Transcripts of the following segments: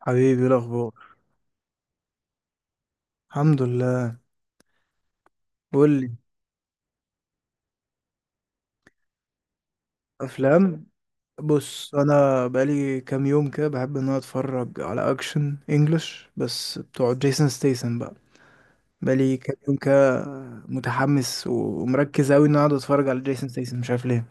حبيبي إيه الاخبار؟ الحمد لله. قول لي. افلام. بص، انا بقالي كام يوم كده بحب ان انا اتفرج على اكشن انجلش بس بتوع جيسون ستيسن بقى. بقالي كام يوم كده متحمس ومركز اوي ان انا اقعد اتفرج على جيسون ستيسن، مش عارف ليه.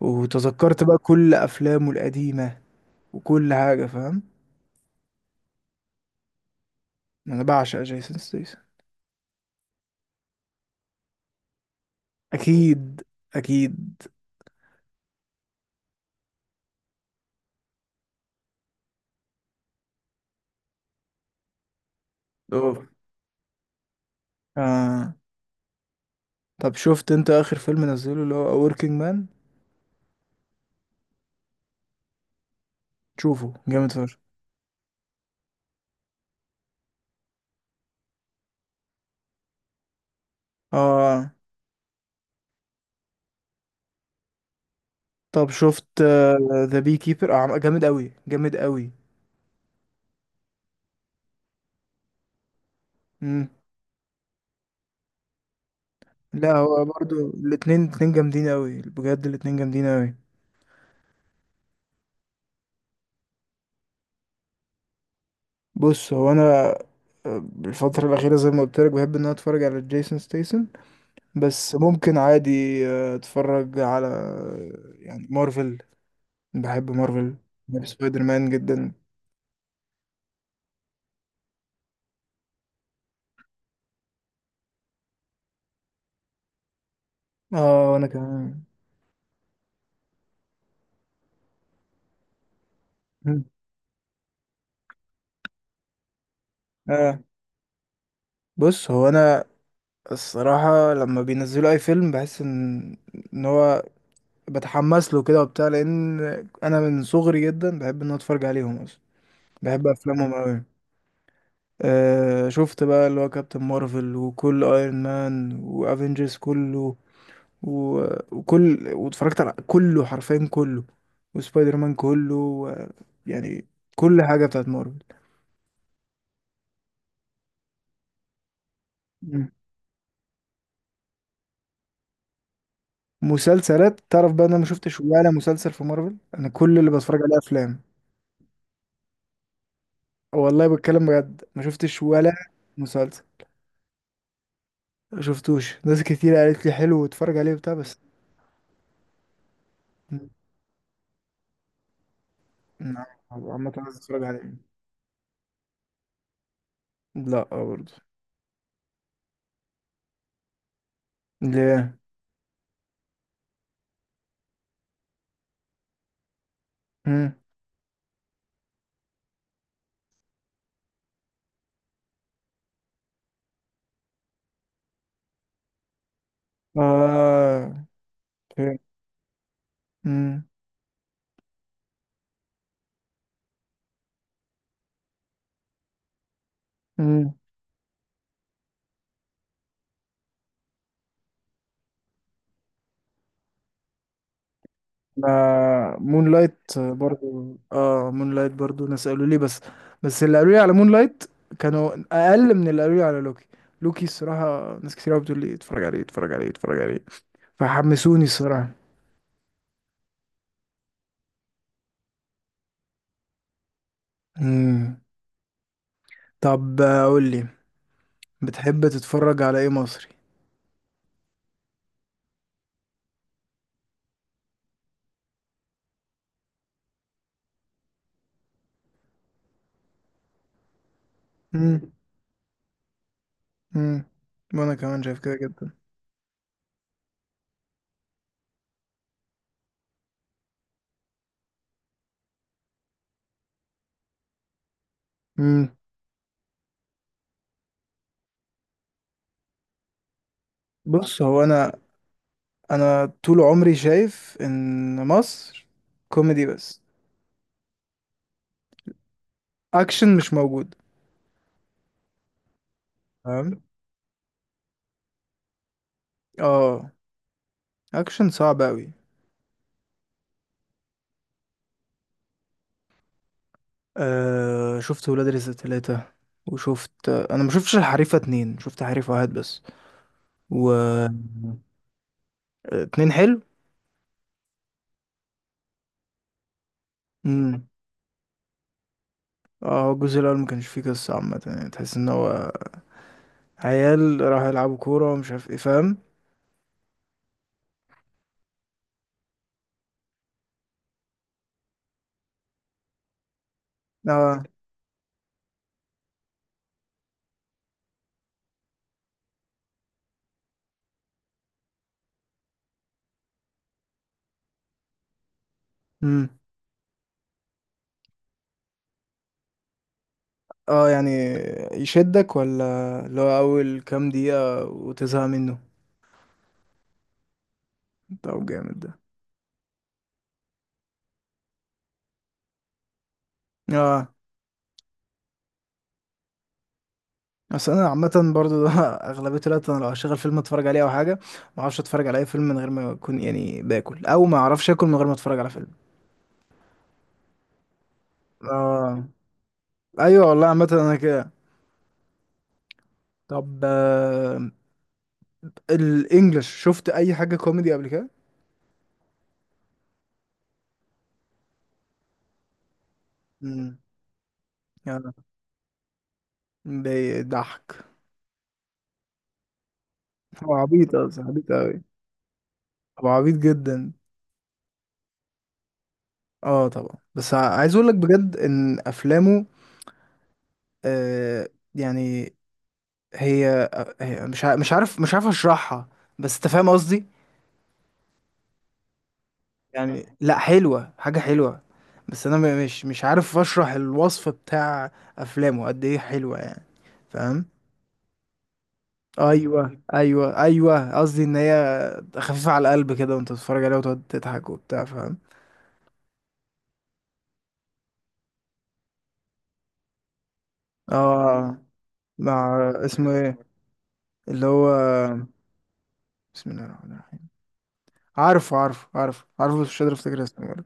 وتذكرت بقى كل افلامه القديمه وكل حاجه، فاهم. انا بعشق جيسون ستيسن. اكيد اكيد. اوف. آه. طب شفت انت اخر فيلم نزله اللي هو Working Man؟ شوفه جامد. اه. طب شفت ذا بي كيبر؟ جامد قوي جامد قوي. مم. لا، هو برضو الاتنين اتنين جامدين قوي بجد، الاتنين جامدين قوي. بص هو انا، آه، الفترة الأخيرة زي ما قلت لك بحب إن أنا أتفرج على جيسون ستيسن. بس ممكن عادي أتفرج على يعني مارفل. بحب مارفل. بحب سبايدر مان جدا. اه وأنا كمان. مم. اه. بص هو أنا الصراحة لما بينزلوا أي فيلم بحس إن، إن هو بتحمس له كده وبتاع، لان انا من صغري جدا بحب ان أنا اتفرج عليهم اصلا. بحب افلامهم قوي. آه شفت بقى اللي هو كابتن مارفل وكل ايرون مان وافنجرز كله و... وكل، واتفرجت على كله حرفيا كله، وسبايدر مان كله و... يعني كل حاجه بتاعت مارفل. مم. مسلسلات، تعرف بقى إن انا ما شفتش ولا مسلسل في مارفل، انا كل اللي بتفرج عليه افلام. والله بتكلم بجد، ما شفتش ولا مسلسل. شفتوش، ناس كتير قالت لي حلو واتفرج عليه وبتاع بس. نعم. عامة عايز اتفرج عليه. لا برضه. ليه؟ مم. اه. فهمت. مم. مم. آه مون لايت برضو، اه مون لايت برضو ناس قالوا لي بس. بس اللي قالوا لي على مون لايت كانوا اقل من اللي قالوا لي على لوكي. لوكي الصراحة ناس كتير قوي بتقول لي اتفرج عليه اتفرج عليه اتفرج عليه، فحمسوني الصراحة. مم. طب قول لي، بتحب تتفرج على ايه مصري؟ مم. امم. وانا كمان شايف كده جدا. امم. بص هو انا، انا طول عمري شايف ان مصر كوميدي بس، اكشن مش موجود. تمام. اه. اكشن صعب اوي. آه شفت ولاد رزق تلاتة، وشفت، انا ما شفتش الحريفة اتنين، شفت حريف واحد بس و اتنين حلو. امم. اه الجزء الاول ما كانش فيه قصة عامة، يعني تحس ان هو عيال راحوا يلعبوا كورة ومش عارف ايه، فاهم. اه. امم. اه يعني يشدك ولا اللي هو اول كام دقيقة وتزهق منه؟ طب جامد ده. اه. بس انا عامة برضو ده اغلبية الوقت انا لو هشغل فيلم اتفرج عليه او حاجة، ما اعرفش اتفرج على اي فيلم من غير ما اكون يعني باكل، او ما اعرفش اكل من غير ما اتفرج على فيلم. اه. ايوه والله، عامة انا كده. طب آه، الانجليش شفت اي حاجة كوميدي قبل كده؟ امم. يعني بيضحك. هو عبيط اصلا، عبيط اوي. هو عبيط جدا. اه طبعا، بس عايز اقول لك بجد ان افلامه، آه، يعني، هي، مش مش عارف، مش عارف اشرحها، بس انت فاهم قصدي. يعني فاهم. لا حلوة، حاجة حلوة. بس انا مش عارف اشرح الوصف بتاع افلامه قد ايه حلوة، يعني فاهم. ايوه ايوه ايوه، قصدي ان هي خفيفة على القلب كده، وانت تتفرج عليها وتقعد تضحك وبتاع، فاهم. اه. مع اسمه ايه؟ اللي هو بسم الله الرحمن الرحيم، عارفه عارفه عارفه عارفه بس مش قادر افتكر اسمه برضه.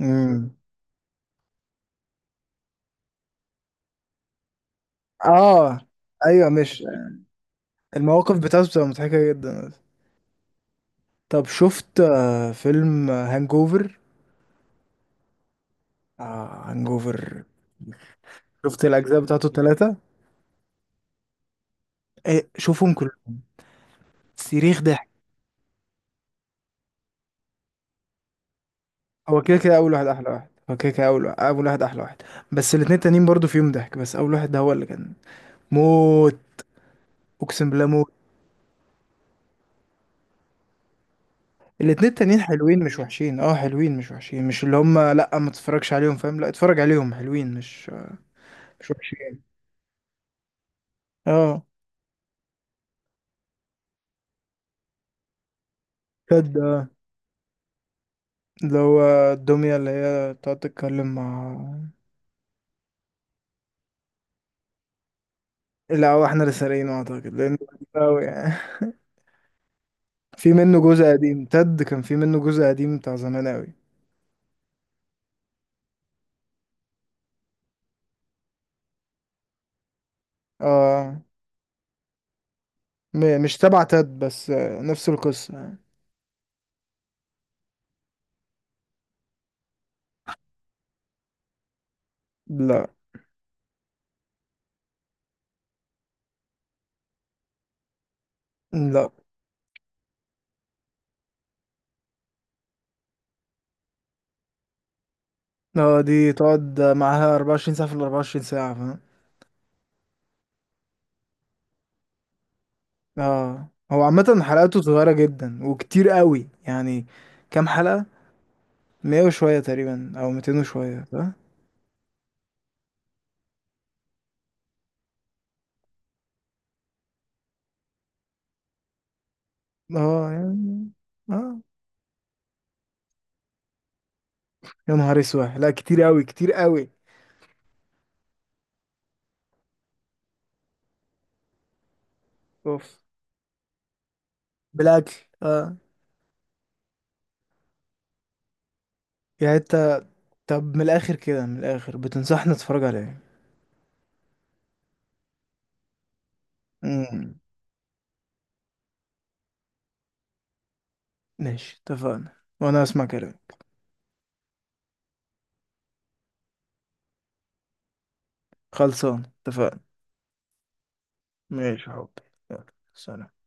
امم. اه ايوه مش، المواقف بتاعته بتبقى مضحكة جدا. طب شفت فيلم هانجوفر؟ آه هانجوفر. شفت الأجزاء بتاعته التلاتة؟ إيه شوفهم كلهم. صريخ ضحك. هو كده كده أول واحد أحلى واحد، هو كده كده أول واحد أحلى واحد. بس الاتنين التانيين برضو فيهم ضحك، بس أول واحد ده هو اللي كان موت، أقسم بالله موت. الاتنين التانيين حلوين مش وحشين، اه حلوين مش وحشين، مش اللي هم لأ ما تتفرجش عليهم، فاهم، لأ اتفرج عليهم، حلوين مش مش وحشين. اه. تد، آه. اللي هو الدمية اللي هي تقعد تتكلم مع. لا هو احنا اللي سارقينه اعتقد، لانه قديم اوي يعني. في منه جزء قديم، تد كان في منه جزء قديم بتاع زمان اوي. اه. مش تبع تد، بس آه، نفس القصة يعني. لا لا. اه دي تقعد معاها 24 ساعة في ال 24 ساعة، فاهم. اه هو عامة حلقاته صغيرة جدا وكتير قوي يعني. كام حلقة؟ 100 وشوية تقريبا او 200 وشوية، صح؟ اه يعني. اه يا نهار اسود، لا كتير قوي كتير قوي. اوف. بالاكل. اه يعني انت، طب من الاخر كده، من الاخر بتنصحني اتفرج على ايه؟ امم. ماشي اتفقنا، وانا اسمع كلام. خلصان اتفقنا. ماشي يا حبي. يلا. سلام.